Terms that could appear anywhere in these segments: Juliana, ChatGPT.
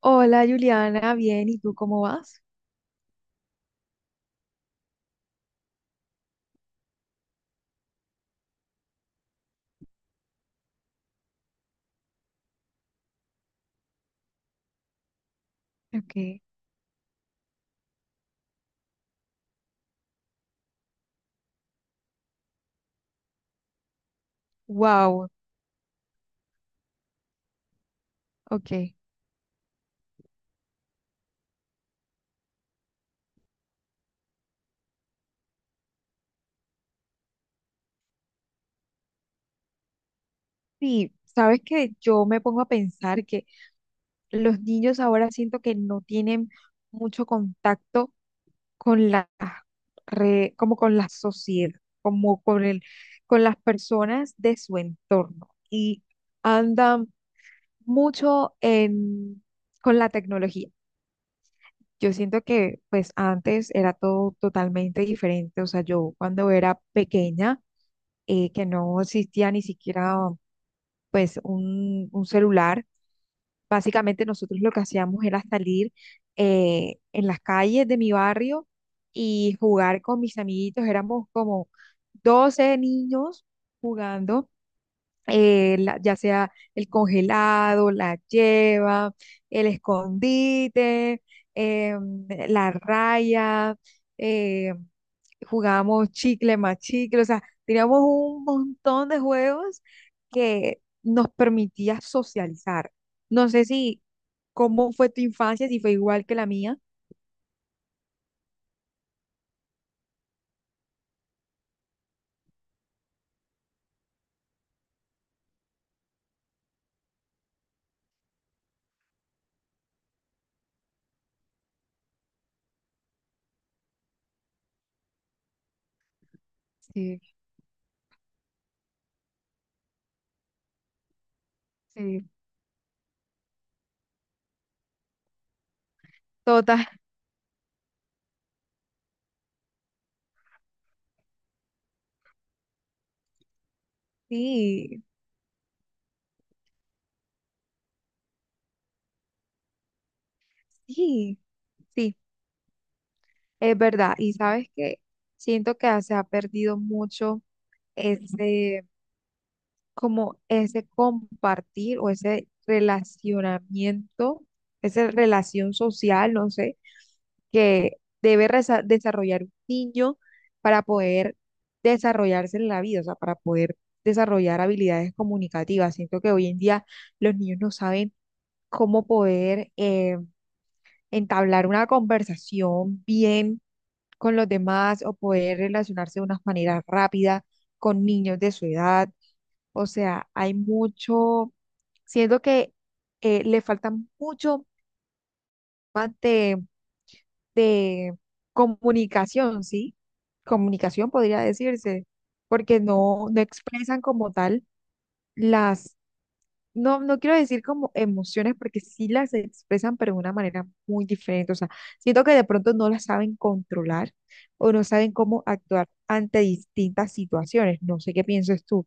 Hola Juliana, bien, ¿y tú cómo vas? Okay. Wow, ok. Sí, sabes que yo me pongo a pensar que los niños ahora siento que no tienen mucho contacto con la como con la sociedad, como con con las personas de su entorno y andan mucho con la tecnología. Yo siento que pues antes era todo totalmente diferente, o sea, yo cuando era pequeña que no existía ni siquiera pues un celular. Básicamente nosotros lo que hacíamos era salir en las calles de mi barrio y jugar con mis amiguitos. Éramos como 12 niños jugando, ya sea el congelado, la lleva, el escondite, la raya. em, jugábamos chicle más chicle, o sea, teníamos un montón de juegos que nos permitía socializar. No sé si cómo fue tu infancia, si fue igual que la mía. Sí, sí, total. Sí, sí, sí, es verdad. Y sabes que siento que se ha perdido mucho ese, como ese compartir o ese relacionamiento, esa relación social, no sé que debe desarrollar un niño para poder desarrollarse en la vida, o sea, para poder desarrollar habilidades comunicativas. Siento que hoy en día los niños no saben cómo poder entablar una conversación bien con los demás o poder relacionarse de una manera rápida con niños de su edad. O sea, hay mucho, siento que le falta mucho más de comunicación, ¿sí? Comunicación podría decirse, porque no expresan como tal las, no quiero decir como emociones, porque sí las expresan, pero de una manera muy diferente. O sea, siento que de pronto no las saben controlar o no saben cómo actuar ante distintas situaciones. No sé qué piensas tú.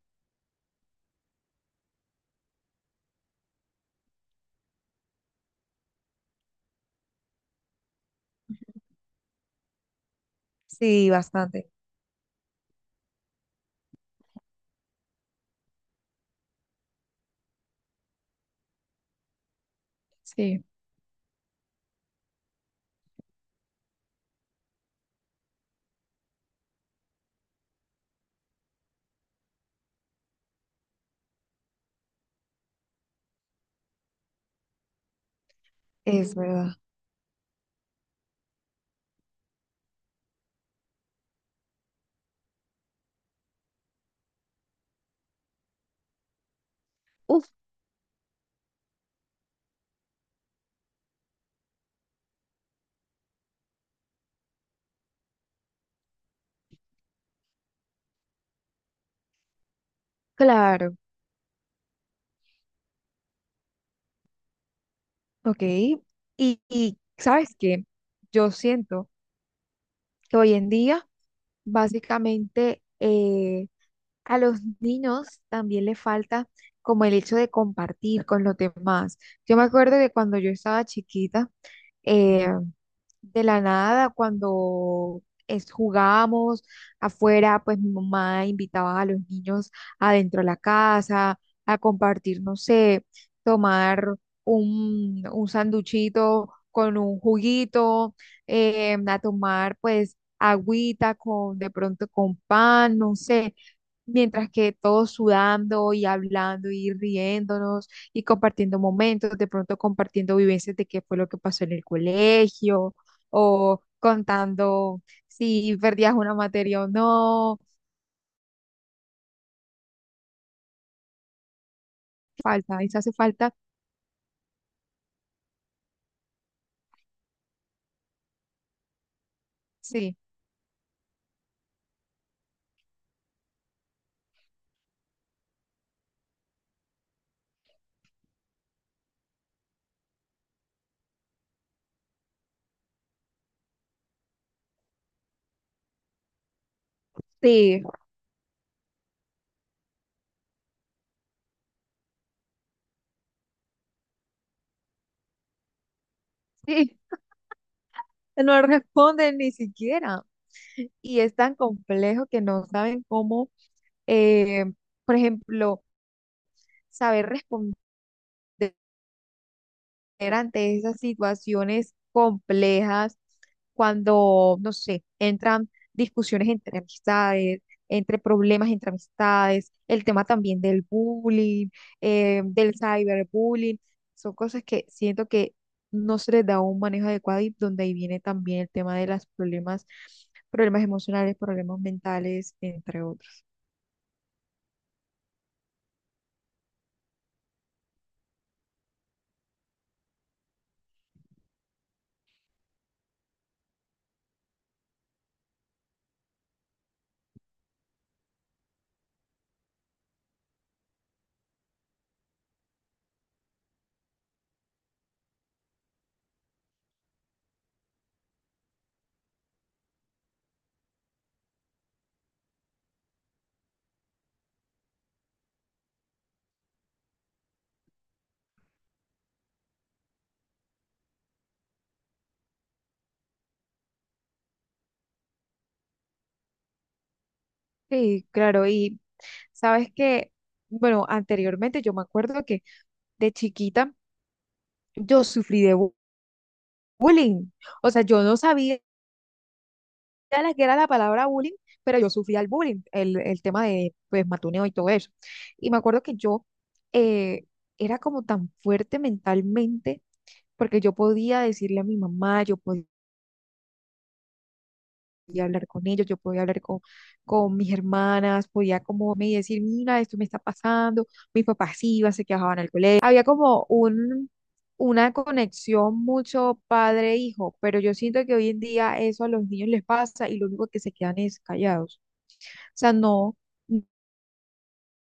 Sí, bastante. Sí, es verdad. Uf, claro. Ok. Y ¿sabes qué? Yo siento que hoy en día básicamente, a los niños también le falta como el hecho de compartir con los demás. Yo me acuerdo que cuando yo estaba chiquita, eh, de la nada, jugábamos afuera, pues mi mamá invitaba a los niños adentro de la casa a compartir, no sé, tomar un sanduchito con un juguito, a tomar pues agüita con de pronto con pan, no sé. Mientras que todos sudando y hablando y riéndonos y compartiendo momentos, de pronto compartiendo vivencias de qué fue lo que pasó en el colegio, o contando si perdías una materia o no. Falta, eso hace falta, sí, sí, sí. No responden ni siquiera. Y es tan complejo que no saben cómo, eh, por ejemplo, saber responder ante esas situaciones complejas, cuando, no sé, entran discusiones entre amistades, entre problemas entre amistades, el tema también del bullying, del cyberbullying, son cosas que siento que no se les da un manejo adecuado y donde ahí viene también el tema de los problemas, problemas emocionales, problemas mentales, entre otros. Sí, claro, y sabes que, bueno, anteriormente yo me acuerdo que de chiquita, yo sufrí de bullying. O sea, yo no sabía la que era la palabra bullying, pero yo sufrí el bullying, el tema de pues matoneo y todo eso. Y me acuerdo que yo eh, era como tan fuerte mentalmente porque yo podía decirle a mi mamá, yo podía podía hablar con ellos, yo podía hablar con mis hermanas, podía como me decir, mira, esto me está pasando, mis papás iban, se quejaban al colegio. Había como una conexión mucho padre-hijo, pero yo siento que hoy en día eso a los niños les pasa y lo único que se quedan es callados. O sea, no,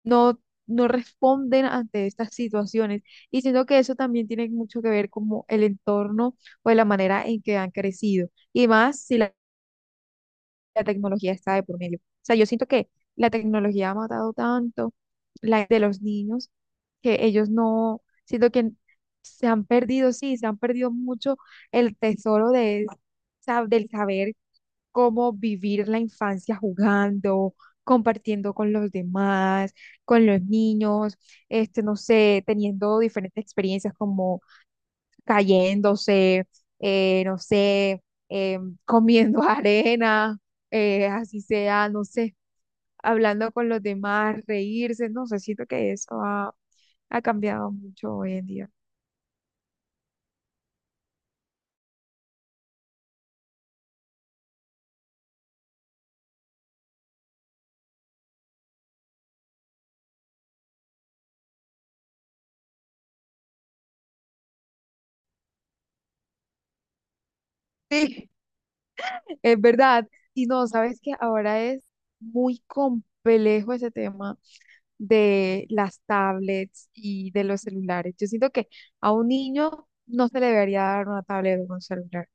no, no responden ante estas situaciones. Y siento que eso también tiene mucho que ver como el entorno o la manera en que han crecido. Y más si la tecnología está de por medio. O sea, yo siento que la tecnología ha matado tanto la de los niños que ellos no, siento que se han perdido, sí, se han perdido mucho el tesoro de, del saber cómo vivir la infancia jugando, compartiendo con los demás, con los niños, este, no sé, teniendo diferentes experiencias como cayéndose, no sé, eh, comiendo arena, así sea, no sé, hablando con los demás, reírse, no sé, siento que eso ha cambiado mucho hoy en día. Sí, es verdad. Y no, sabes que ahora es muy complejo ese tema de las tablets y de los celulares. Yo siento que a un niño no se le debería dar una tablet o un celular.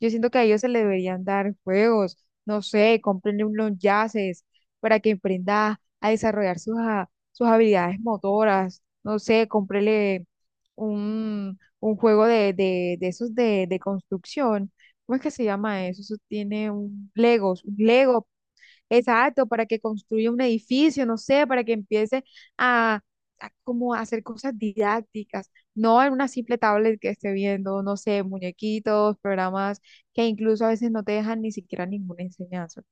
Yo siento que a ellos se le deberían dar juegos, no sé, cómprenle unos yaces para que emprenda a desarrollar sus, sus habilidades motoras, no sé, cómprenle un juego de esos de construcción. ¿Cómo es que se llama eso? Eso tiene un Legos, un Lego. Exacto, para que construya un edificio, no sé, para que empiece a, a como a hacer cosas didácticas, no en una simple tablet que esté viendo, no sé, muñequitos, programas que incluso a veces no te dejan ni siquiera ninguna enseñanza.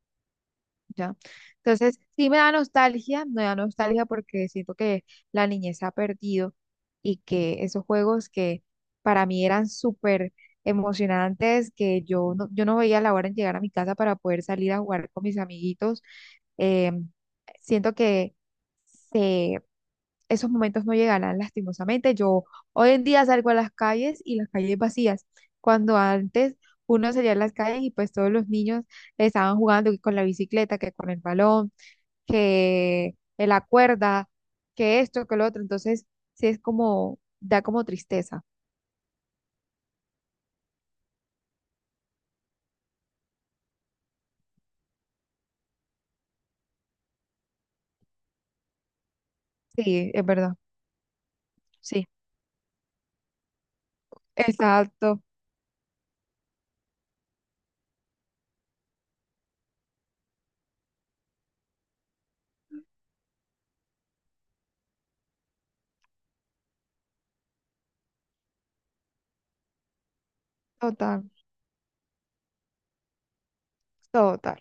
¿Ya? Entonces, sí me da nostalgia porque siento que la niñez se ha perdido y que esos juegos que para mí eran súper emocionantes, que yo no veía la hora en llegar a mi casa para poder salir a jugar con mis amiguitos, eh, siento que se esos momentos no llegarán lastimosamente. Yo hoy en día salgo a las calles y las calles vacías, cuando antes uno salía a las calles y pues todos los niños estaban jugando que con la bicicleta, que con el balón, que en la cuerda, que esto, que lo otro. Entonces, sí es como, da como tristeza. Sí, es verdad. Sí, exacto. Total, total,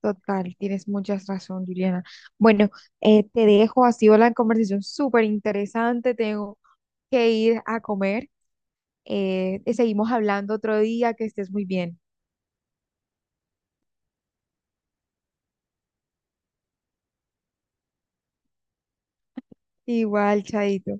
total. Tienes muchas razón, Juliana. Bueno, te dejo, ha sido la conversación súper interesante. Tengo que ir a comer. Seguimos hablando otro día, que estés muy bien. Igual, Chaito.